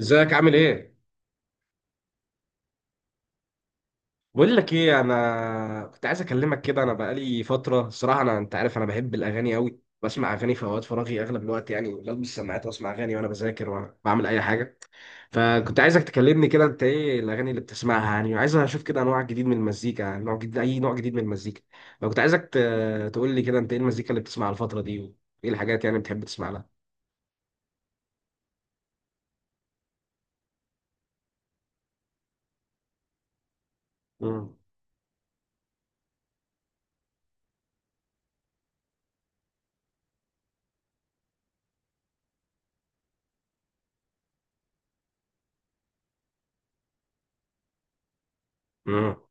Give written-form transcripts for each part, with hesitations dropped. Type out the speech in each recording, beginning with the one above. ازيك عامل ايه؟ بقول لك ايه، انا كنت عايز اكلمك كده، انا بقالي فتره الصراحه، انت عارف، انا بحب الاغاني قوي، بسمع اغاني في اوقات فراغي اغلب الوقت، يعني بلبس سماعات واسمع اغاني وانا بذاكر وانا بعمل اي حاجه. فكنت عايزك تكلمني كده، انت ايه الاغاني اللي بتسمعها يعني، وعايز اشوف كده انواع جديد من المزيكا، يعني نوع جديد، اي نوع جديد من المزيكا. فكنت عايزك تقول لي كده انت ايه المزيكا اللي بتسمعها الفتره دي، وايه الحاجات يعني بتحب تسمع لها. امم. امم.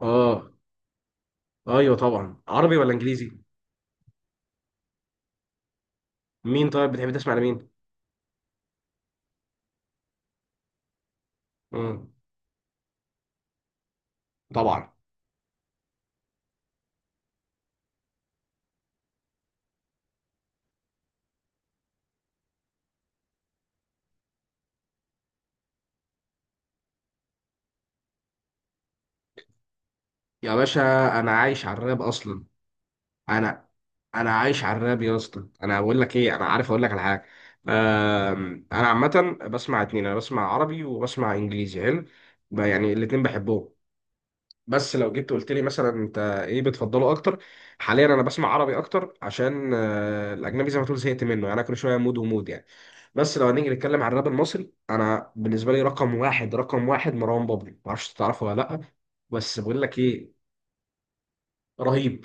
اه. ايوه طبعا، عربي ولا انجليزي؟ مين؟ طيب بتحب تسمع لمين؟ امم. طبعا. يا باشا، انا عايش على الراب اصلا. انا انا عايش على الراب يا اسطى، انا بقول لك ايه، انا عارف اقول لك على حاجه. انا عامه بسمع اتنين، انا بسمع عربي وبسمع انجليزي، حلو. يعني الاتنين بحبهم. بس لو جيت قلت لي مثلا انت ايه بتفضله اكتر، حاليا انا بسمع عربي اكتر عشان الاجنبي زي ما تقول زهقت منه، يعني انا كل شويه مود ومود يعني. بس لو هنيجي نتكلم عن الراب المصري، انا بالنسبه لي رقم واحد رقم واحد مروان بابلو، معرفش تعرفه ولا لا. بس بقول لك ايه، رهيب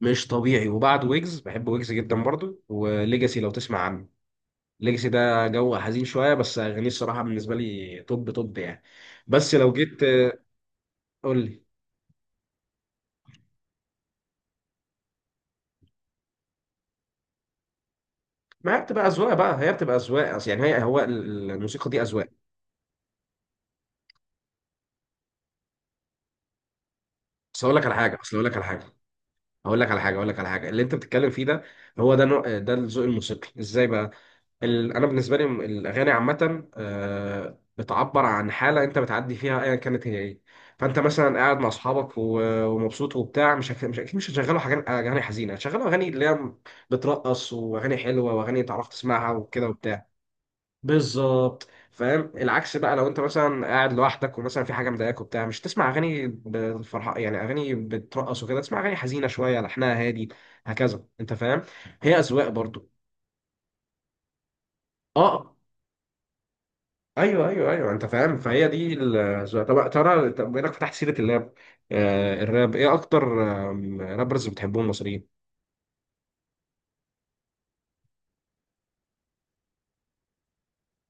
مش طبيعي. وبعد ويجز، بحب ويجز جدا برضو، وليجاسي لو تسمع عنه. ليجاسي ده جو حزين شويه، بس اغانيه الصراحه بالنسبه لي توب توب يعني. بس لو جيت قول لي. ما هي بتبقى اذواق بقى، هي بتبقى اذواق، اصل يعني هي هو الموسيقى دي اذواق. بس اقول لك على حاجه، اصل اقول لك على حاجه، اقول لك على حاجه، اقول لك على حاجه اللي انت بتتكلم فيه ده، هو ده نوع، ده الذوق الموسيقي ازاي بقى. انا بالنسبه لي، الاغاني عامه بتعبر عن حاله انت بتعدي فيها ايا كانت هي ايه. فانت مثلا قاعد مع اصحابك ومبسوط وبتاع، مش مش اكيد مش هتشغلوا حاجات اغاني حزينه، هتشغلوا اغاني اللي هي بترقص واغاني حلوه واغاني تعرف تسمعها وكده وبتاع. بالظبط فاهم. العكس بقى، لو انت مثلا قاعد لوحدك ومثلا في حاجه مضايقاك وبتاع، مش تسمع اغاني بالفرحه، يعني اغاني بترقص وكده، تسمع اغاني حزينه شويه لحنها هادي. هكذا انت فاهم. هي اذواق برضو. اه. ايوه ايوه ايوه، انت فاهم. فهي دي طب ترى، طب بما انك فتحت سيره اللاب، الراب، ايه اكتر رابرز بتحبهم المصريين؟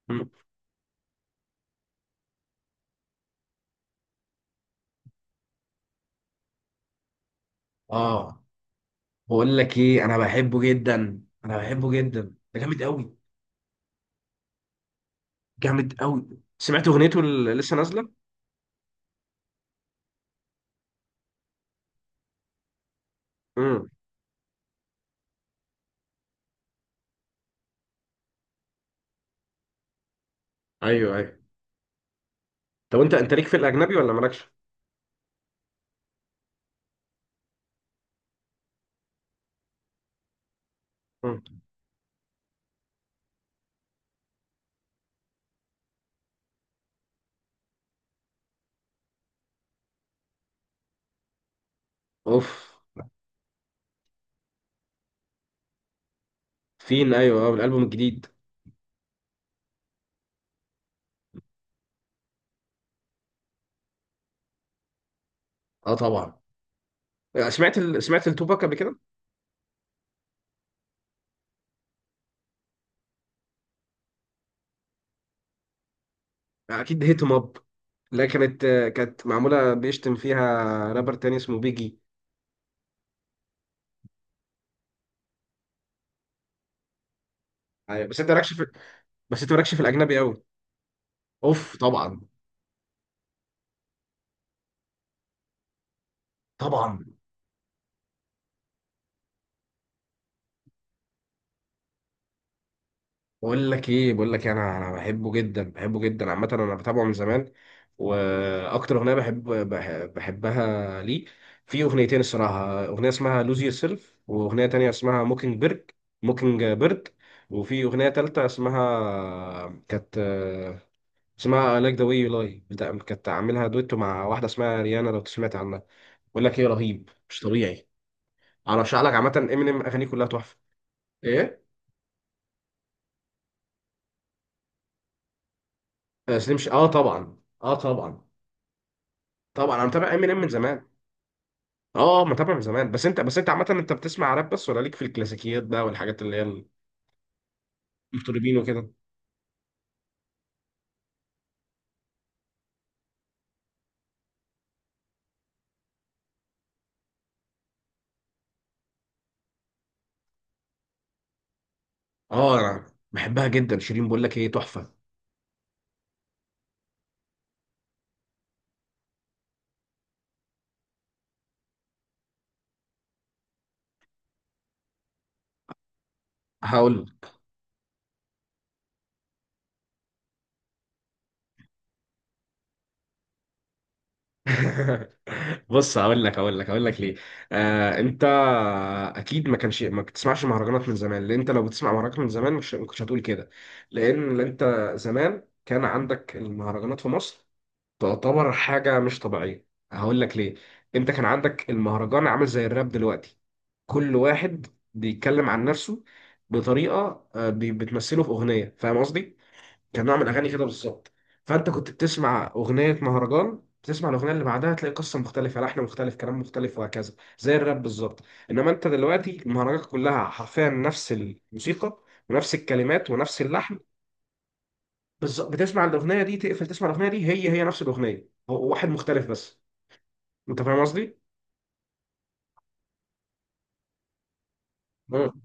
مم. اه، بقول لك ايه، انا بحبه جدا انا بحبه جدا، ده جامد قوي. جامد قوي. سمعت اغنيته اللي لسه نازله؟ امم. ايوه ايوه. طب انت ليك في الاجنبي ولا مالكش؟ مم. اوف. فين، ايوه، اه الالبوم الجديد. اه طبعا. سمعت سمعت التوباك قبل كده؟ اكيد هيت ام اب. لا كانت معموله بيشتم فيها، رابر تاني اسمه بيجي. أيوة، بس انت مالكش في بس انت مالكش في الاجنبي قوي. اوف طبعا. طبعا. بقول لك إيه، انا بحبه جدا بحبه جدا عامه، انا بتابعه من زمان. واكتر اغنيه بحب، بحبها ليه، في اغنيتين الصراحه: اغنيه اسمها لوز يور سيلف، واغنيه تانية اسمها موكينج بيرد. موكينج بيرد. وفي اغنيه تالتة اسمها، كانت اسمها لايك ذا واي يو لاي، بتاع كانت عاملها دويتو مع واحده اسمها ريانا لو سمعت عنها. بقول لك ايه، رهيب مش طبيعي. انا ارشح لك عامه امينيم، اغانيه كلها تحفه. ايه؟ سليم اه طبعا. اه طبعا. طبعا انا متابع امينيم من زمان. اه متابع من زمان. بس انت عامه انت بتسمع راب بس ولا ليك في الكلاسيكيات بقى والحاجات اللي هي المطربين وكده؟ اه انا بحبها جدا شيرين، بقول لك ايه تحفه. هقول بص، هقول لك، هقول لك ليه. انت اكيد ما كانش ما بتسمعش مهرجانات من زمان، لان انت لو بتسمع مهرجانات من زمان مش ما كنتش هتقول كده. لان انت زمان كان عندك المهرجانات في مصر تعتبر حاجه مش طبيعيه. هقول لك ليه. انت كان عندك المهرجان عامل زي الراب دلوقتي، كل واحد بيتكلم عن نفسه بطريقه بتمثله في اغنيه، فاهم قصدي؟ كان نوع من الاغاني كده بالظبط. فانت كنت بتسمع اغنيه مهرجان، تسمع الاغنيه اللي بعدها تلاقي قصه مختلفه، لحن مختلف، كلام مختلف، وهكذا، زي الراب بالظبط. انما انت دلوقتي المهرجانات كلها حرفيا نفس الموسيقى، ونفس الكلمات، ونفس اللحن. بالظبط، بتسمع الاغنيه دي تقفل، تسمع الاغنيه دي هي هي نفس الاغنيه، هو واحد مختلف بس. انت فاهم قصدي؟ مم.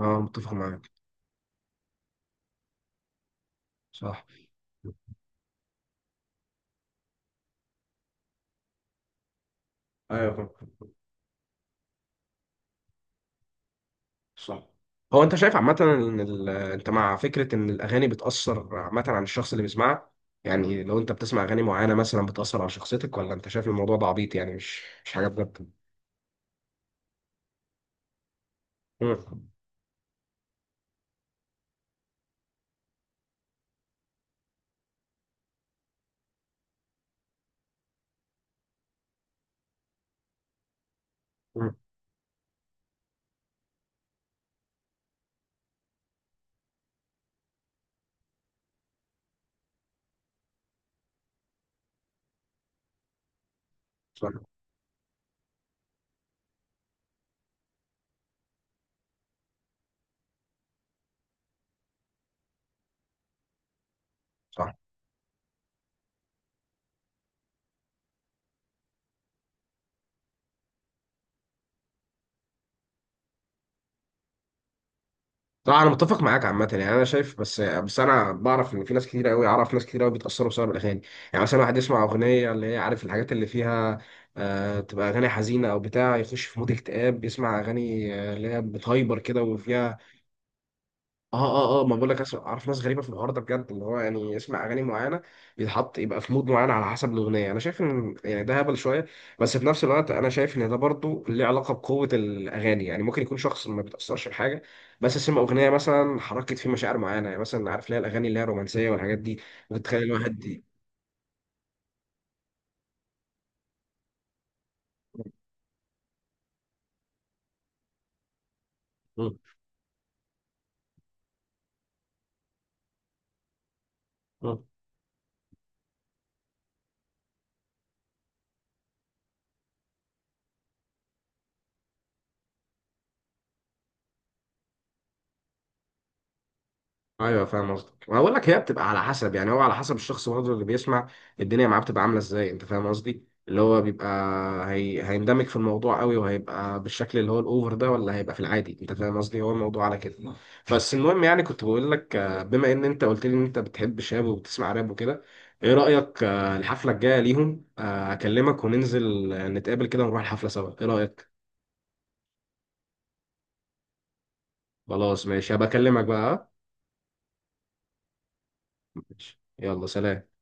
اه متفق معاك. صح. ايوه فاهم. صح. هو انت شايف عامة ان انت مع فكرة ان الاغاني بتأثر عامة على الشخص اللي بيسمعها؟ يعني لو انت بتسمع اغاني معينة مثلا بتأثر على شخصيتك، ولا انت شايف الموضوع ده عبيط يعني، مش حاجة بجد؟ مم. مم. صح. صح. طبعا انا متفق معاك عامة، يعني انا شايف، بس انا بعرف ان في ناس كتير قوي، اعرف ناس كتير قوي بيتأثروا بسبب الاغاني. يعني مثلا واحد يسمع اغنية اللي هي عارف الحاجات اللي فيها، تبقى اغاني حزينة او بتاع، يخش في مود اكتئاب يسمع اغاني اللي هي بتهايبر كده وفيها. اه اه اه، ما بقول لك، اعرف ناس غريبه في الحوار ده بجد، اللي هو يعني يسمع اغاني معينه بيتحط يبقى في مود معين على حسب الاغنيه. انا شايف ان يعني ده هبل شويه. بس في نفس الوقت انا شايف ان ده برضو ليه علاقه بقوه الاغاني، يعني ممكن يكون شخص ما بيتاثرش بحاجه بس سمع اغنيه مثلا حركت فيه مشاعر معينه، يعني مثلا عارف ليه الاغاني اللي هي الرومانسيه والحاجات دي بتخلي الواحد. دي، ايوه فاهم قصدك. ما بقول لك هي بتبقى على حسب، يعني هو على حسب الشخص برضه اللي بيسمع، الدنيا معاه بتبقى عامله ازاي. انت فاهم قصدي؟ اللي هو بيبقى هيندمج في الموضوع قوي وهيبقى بالشكل اللي هو الاوفر ده، ولا هيبقى في العادي. انت فاهم قصدي، هو الموضوع على كده. بس المهم يعني كنت بقول لك، بما ان انت قلت لي ان انت بتحب شاب وبتسمع راب وكده، ايه رايك الحفله الجايه ليهم، اكلمك وننزل نتقابل كده ونروح الحفله سوا، ايه رايك؟ خلاص ماشي، هبكلمك بقى، آه؟ ماشي. يلا سلام.